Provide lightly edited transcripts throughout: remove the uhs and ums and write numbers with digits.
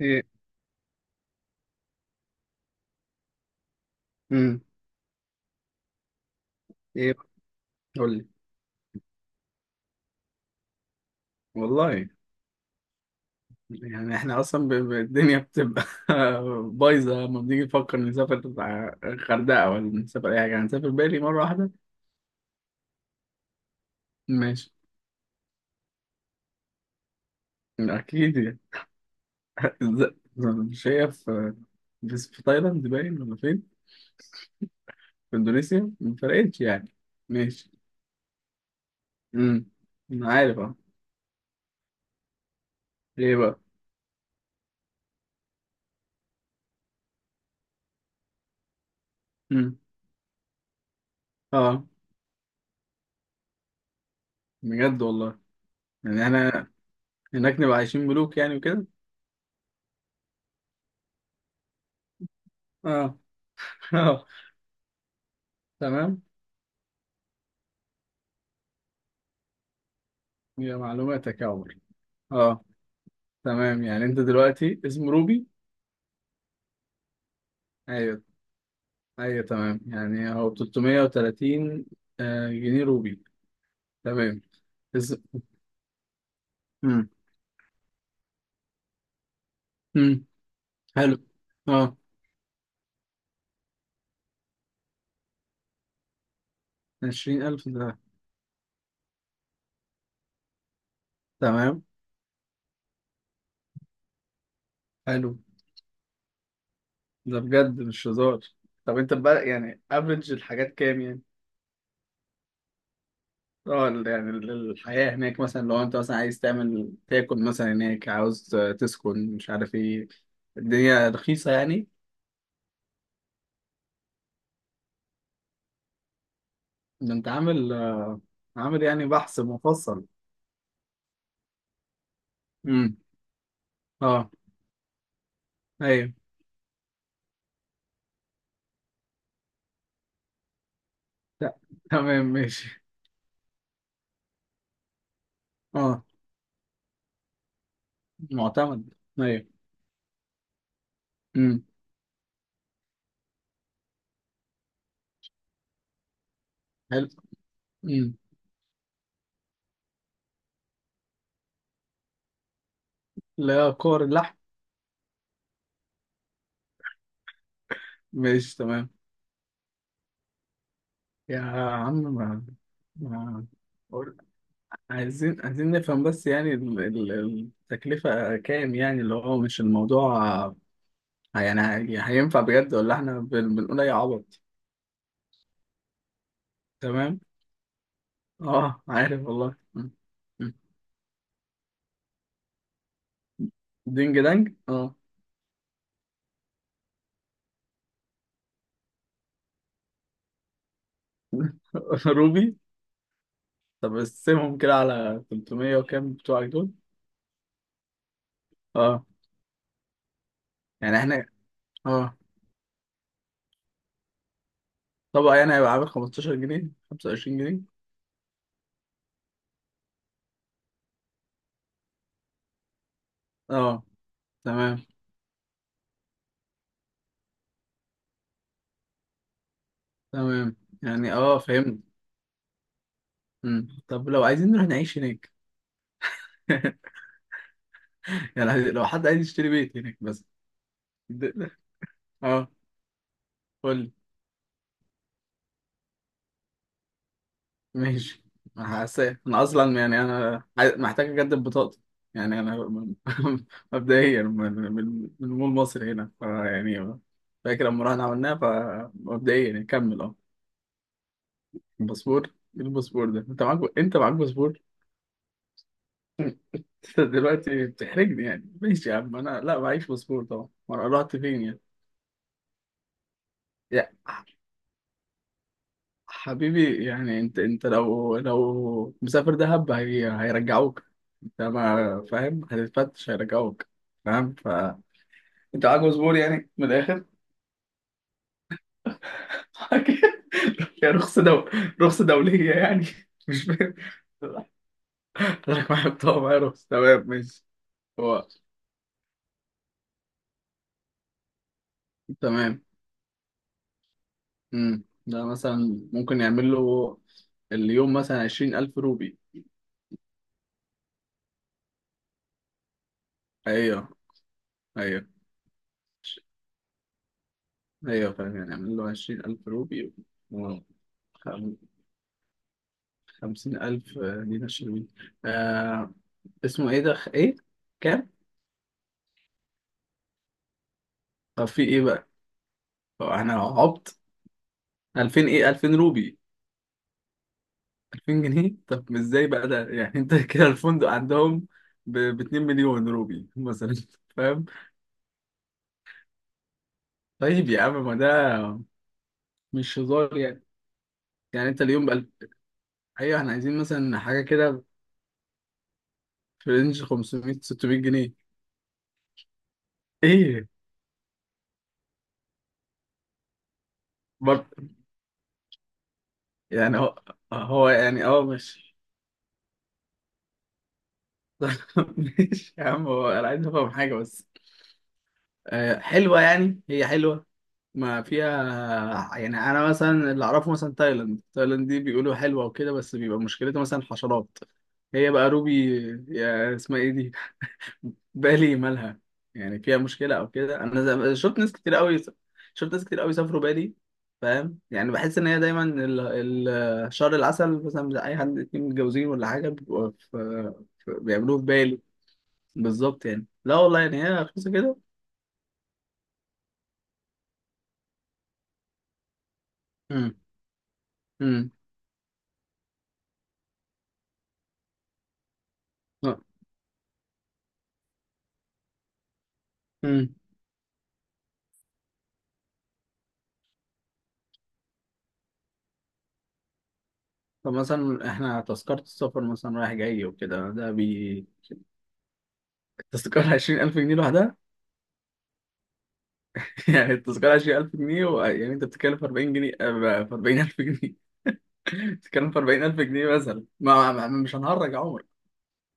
ايه. امم ايه، قول لي. والله. يعني احنا اصلا الدنيا بتبقى بايظه لما بنيجي نفكر نسافر الغردقه ولا نسافر اي حاجه، هنسافر بالي مره واحده. ماشي. اكيد يعني. ز- مش هي في تايلاند باين ولا فين؟ في اندونيسيا، ما فرقتش يعني. ماشي. امم انا عارف. اه. ايه بقى؟ امم اه. بجد والله. يعني احنا هناك نبقى عايشين ملوك يعني وكده. اه. اه. تمام. يا معلوماتك يا عمر. اه. تمام يعني انت دلوقتي اسم روبي. ايوه. ايوه تمام يعني هو ب 330 جنيه روبي. تمام. اسم. امم امم حلو. اه، 20000 ده؟ تمام. حلو. ده بجد مش هزار. طب انت بقى، يعني افريج الحاجات كام يعني؟ اه، الحياة هناك مثلا، لو انت مثلا عايز تعمل تاكل مثلا هناك، عاوز تسكن مش عارف ايه. الدنيا رخيصة يعني. ده انت عامل. عامل يعني بحث مفصل؟ امم اه. ايوه. ت- تمام ماشي. اه، معتمد. ايوه. امم حلو. امم. لا كور اللحم. ماشي تمام يا عم. ما ما قول- عايزين، نفهم بس، يعني التكلفة كام يعني؟ اللي هو مش الموضوع، يعني هينفع بجد ولا احنا بنقول اي عبط؟ تمام. اه عارف والله. مم. مم. دينج دانج، اه. روبي. طب قسمهم كده على 300 وكام بتوعك دول. اه. يعني احنا اه طبق يعني هيبقى عامل 15 جنيه، 25 جنيه. اه. تمام. تمام يعني اه فهمت. مم. طب لو عايزين نروح نعيش هناك. يعني لو حد عايز يشتري بيت هناك بس. د- اه قول لي. ماشي. حاسس انا اصلا يعني انا محتاج اجدد بطاقتي. يعني انا مبدئيا من مول مصر هنا فيعني، فاكر لما رحنا عملناها، فمبدئيا نكمل. اه الباسبور. ايه الباسبور ده؟ انت معاك، باسبور؟ انت دلوقتي بتحرجني يعني. ماشي يا عم، انا لا، معيش باسبور طبعا، وانا رحت فين يعني؟ يا ح- حبيبي يعني. انت لو مسافر دهب، هيرجعوك. انت ما فاهم، هتتفتش هيرجعوك. فاهم. فانت معاك باسبور يعني، من الاخر؟ يا رخصة رخصة دولية يعني؟ مش فاهم. حضرتك معاك؟ طبعا معايا رخصة. تمام ماشي. هو. تمام. ده مثلا ممكن يعمل له اليوم مثلا 20 ألف روبي. أيوه. أيوه. أيوه فاهم، يعني يعمل له 20 ألف روبي و 50 ألف دينار شلوي. آه، اسمه إيه ده؟ إيه كام؟ طب في إيه بقى؟ طب أنا عبط. ألفين إيه؟ 2000 روبي؟ 2000 جنيه؟ طب إزاي بقى ده يعني أنت؟ كده الفندق عندهم ب 2 مليون روبي مثلا؟ فاهم؟ طيب يا عم ما ده مش هزار يعني. يعني أنت اليوم. ايوه احنا عايزين مثلا حاجه كده، في رينج 500 600 جنيه. ايه برضه يعني؟ هو يعني اه ماشي. ماشي يا عم. هو انا عايز افهم حاجه بس، حلوه يعني. هي حلوه ما فيها. يعني انا مثلا اللي اعرفه مثلا، تايلاند، تايلاند دي بيقولوا حلوه وكده، بس بيبقى مشكلتها مثلا حشرات. هي بقى روبي يا اسمها ايه دي، بالي، مالها؟ يعني فيها مشكلة أو كده؟ أنا شفت ناس كتير قوي سافروا بالي. فاهم؟ يعني بحس إن هي دايما شهر العسل مثلا بتاع أي حد اتنين متجوزين ولا حاجة، بيبقوا بيعملوه في بالي. بالظبط يعني. لا والله يعني هي رخيصة كده. امم امم آه. امم. طب مثلا إحنا تذكرة السفر مثلا رايح جاي وكده ده بي؟ التذكرة 20 ألف جنيه لوحدها؟ يعني التذكرة 20 ألف جنيه يعني أنت بتتكلف 40 جنيه في 40 ألف جنيه. بتتكلم في 40000 جنيه مثلا، مش هنهرج يا عمر.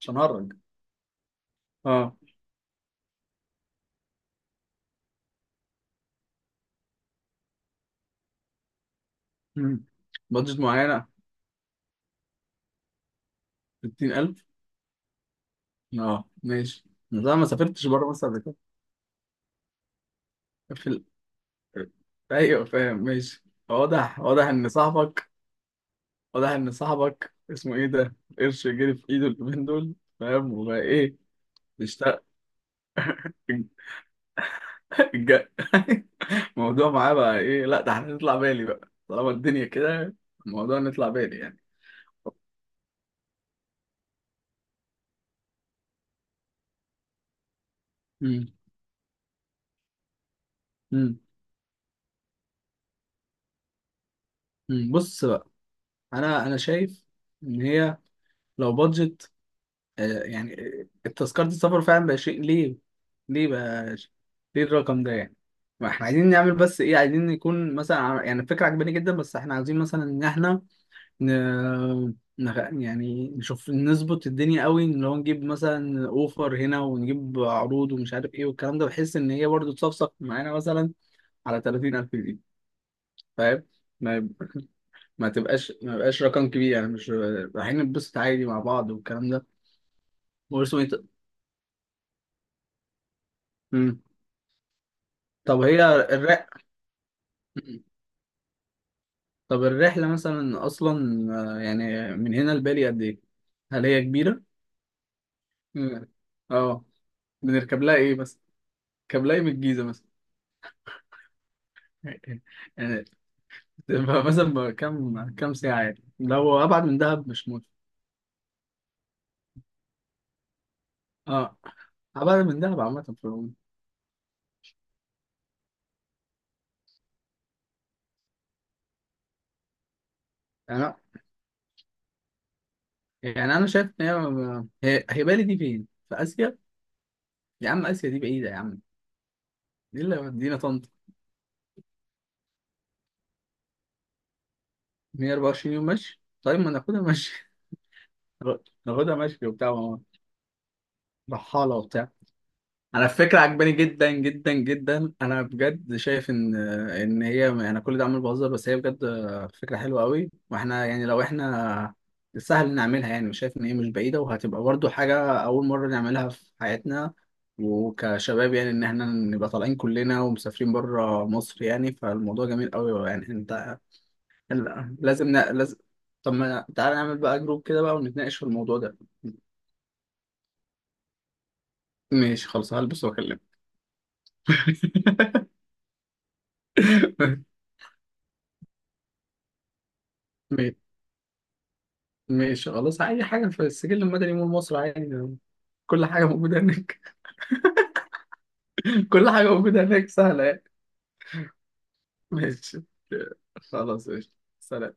مش هنهرج. اه. مم. بادجت معينة. 60000. اه ماشي. بس انا ما سافرتش بره مصر قبل كده. في ال... ايوه فاهم. ماشي. واضح واضح ان صاحبك واضح ان صاحبك اسمه ايه ده قرش جري في ايده اليومين دول. فاهم وبقى ايه، بيشتغل؟ الج- الموضوع معاه بقى ايه. لا ده احنا نطلع بالي بقى طالما الدنيا كده. الموضوع نطلع بالي يعني. امم بص، انا شايف ان هي لو بادجت يعني تذكرة السفر فعلا بقى شيء ليه، ليه بقى ليه الرقم ده يعني؟ ما احنا عايزين نعمل بس ايه، عايزين يكون مثلا يعني الفكرة عجباني جدا، بس احنا عايزين مثلا ان احنا ن... يعني نشوف نظبط الدنيا قوي، ان لو نجيب مثلا اوفر هنا ونجيب عروض ومش عارف ايه والكلام ده، بحيث ان هي برضه تصفصف معانا مثلا على 30000 جنيه. فاهم؟ ما تبقاش، ما يبقاش رقم كبير يعني، مش رايحين نتبسط عادي مع بعض والكلام ده. هو اسمه ايه مم. طب هي الرحلة. طب الرحلة مثلا أصلا يعني من هنا لبالي قد إيه؟ هل هي كبيرة؟ مم. اه. بنركب لها إيه مثلا؟ بنركب لها إيه من الجيزة مثلا؟ يعني تبقى مثلا بقى كام ساعة يعني؟ لو أبعد من دهب مش موت. اه. أبعد من دهب عامة في العموم. يعني يعني أنا شايف إن هي بالي دي فين؟ في آسيا؟ يا عم آسيا دي بعيدة يا عم، دي اللي مدينا طنطا. 124 يوم ماشي؟ طيب ما ناخدها ماشي. ناخدها ماشي وبتاع رحالة وبتاع. انا الفكرة عجباني جدا جدا جدا، انا بجد شايف ان هي، انا كل ده عمال بهزر بس هي بجد فكرة حلوة قوي. واحنا يعني لو احنا سهل نعملها يعني، مش شايف ان هي مش بعيدة، وهتبقى برضو حاجة اول مرة نعملها في حياتنا، وكشباب يعني ان احنا نبقى طالعين كلنا ومسافرين بره مصر. يعني فالموضوع جميل قوي يعني انت. لا، لازم لازم. طب ما تعالى نعمل بقى جروب كده بقى ونتناقش في الموضوع ده. ماشي خلاص، هلبس واكلمك. ماشي. ماشي خلاص. اي حاجه في السجل المدني مول مصر عادي، كل حاجه موجوده هناك. كل حاجه موجوده هناك سهله يعني. ماشي. خلاص. ماشي. سلام.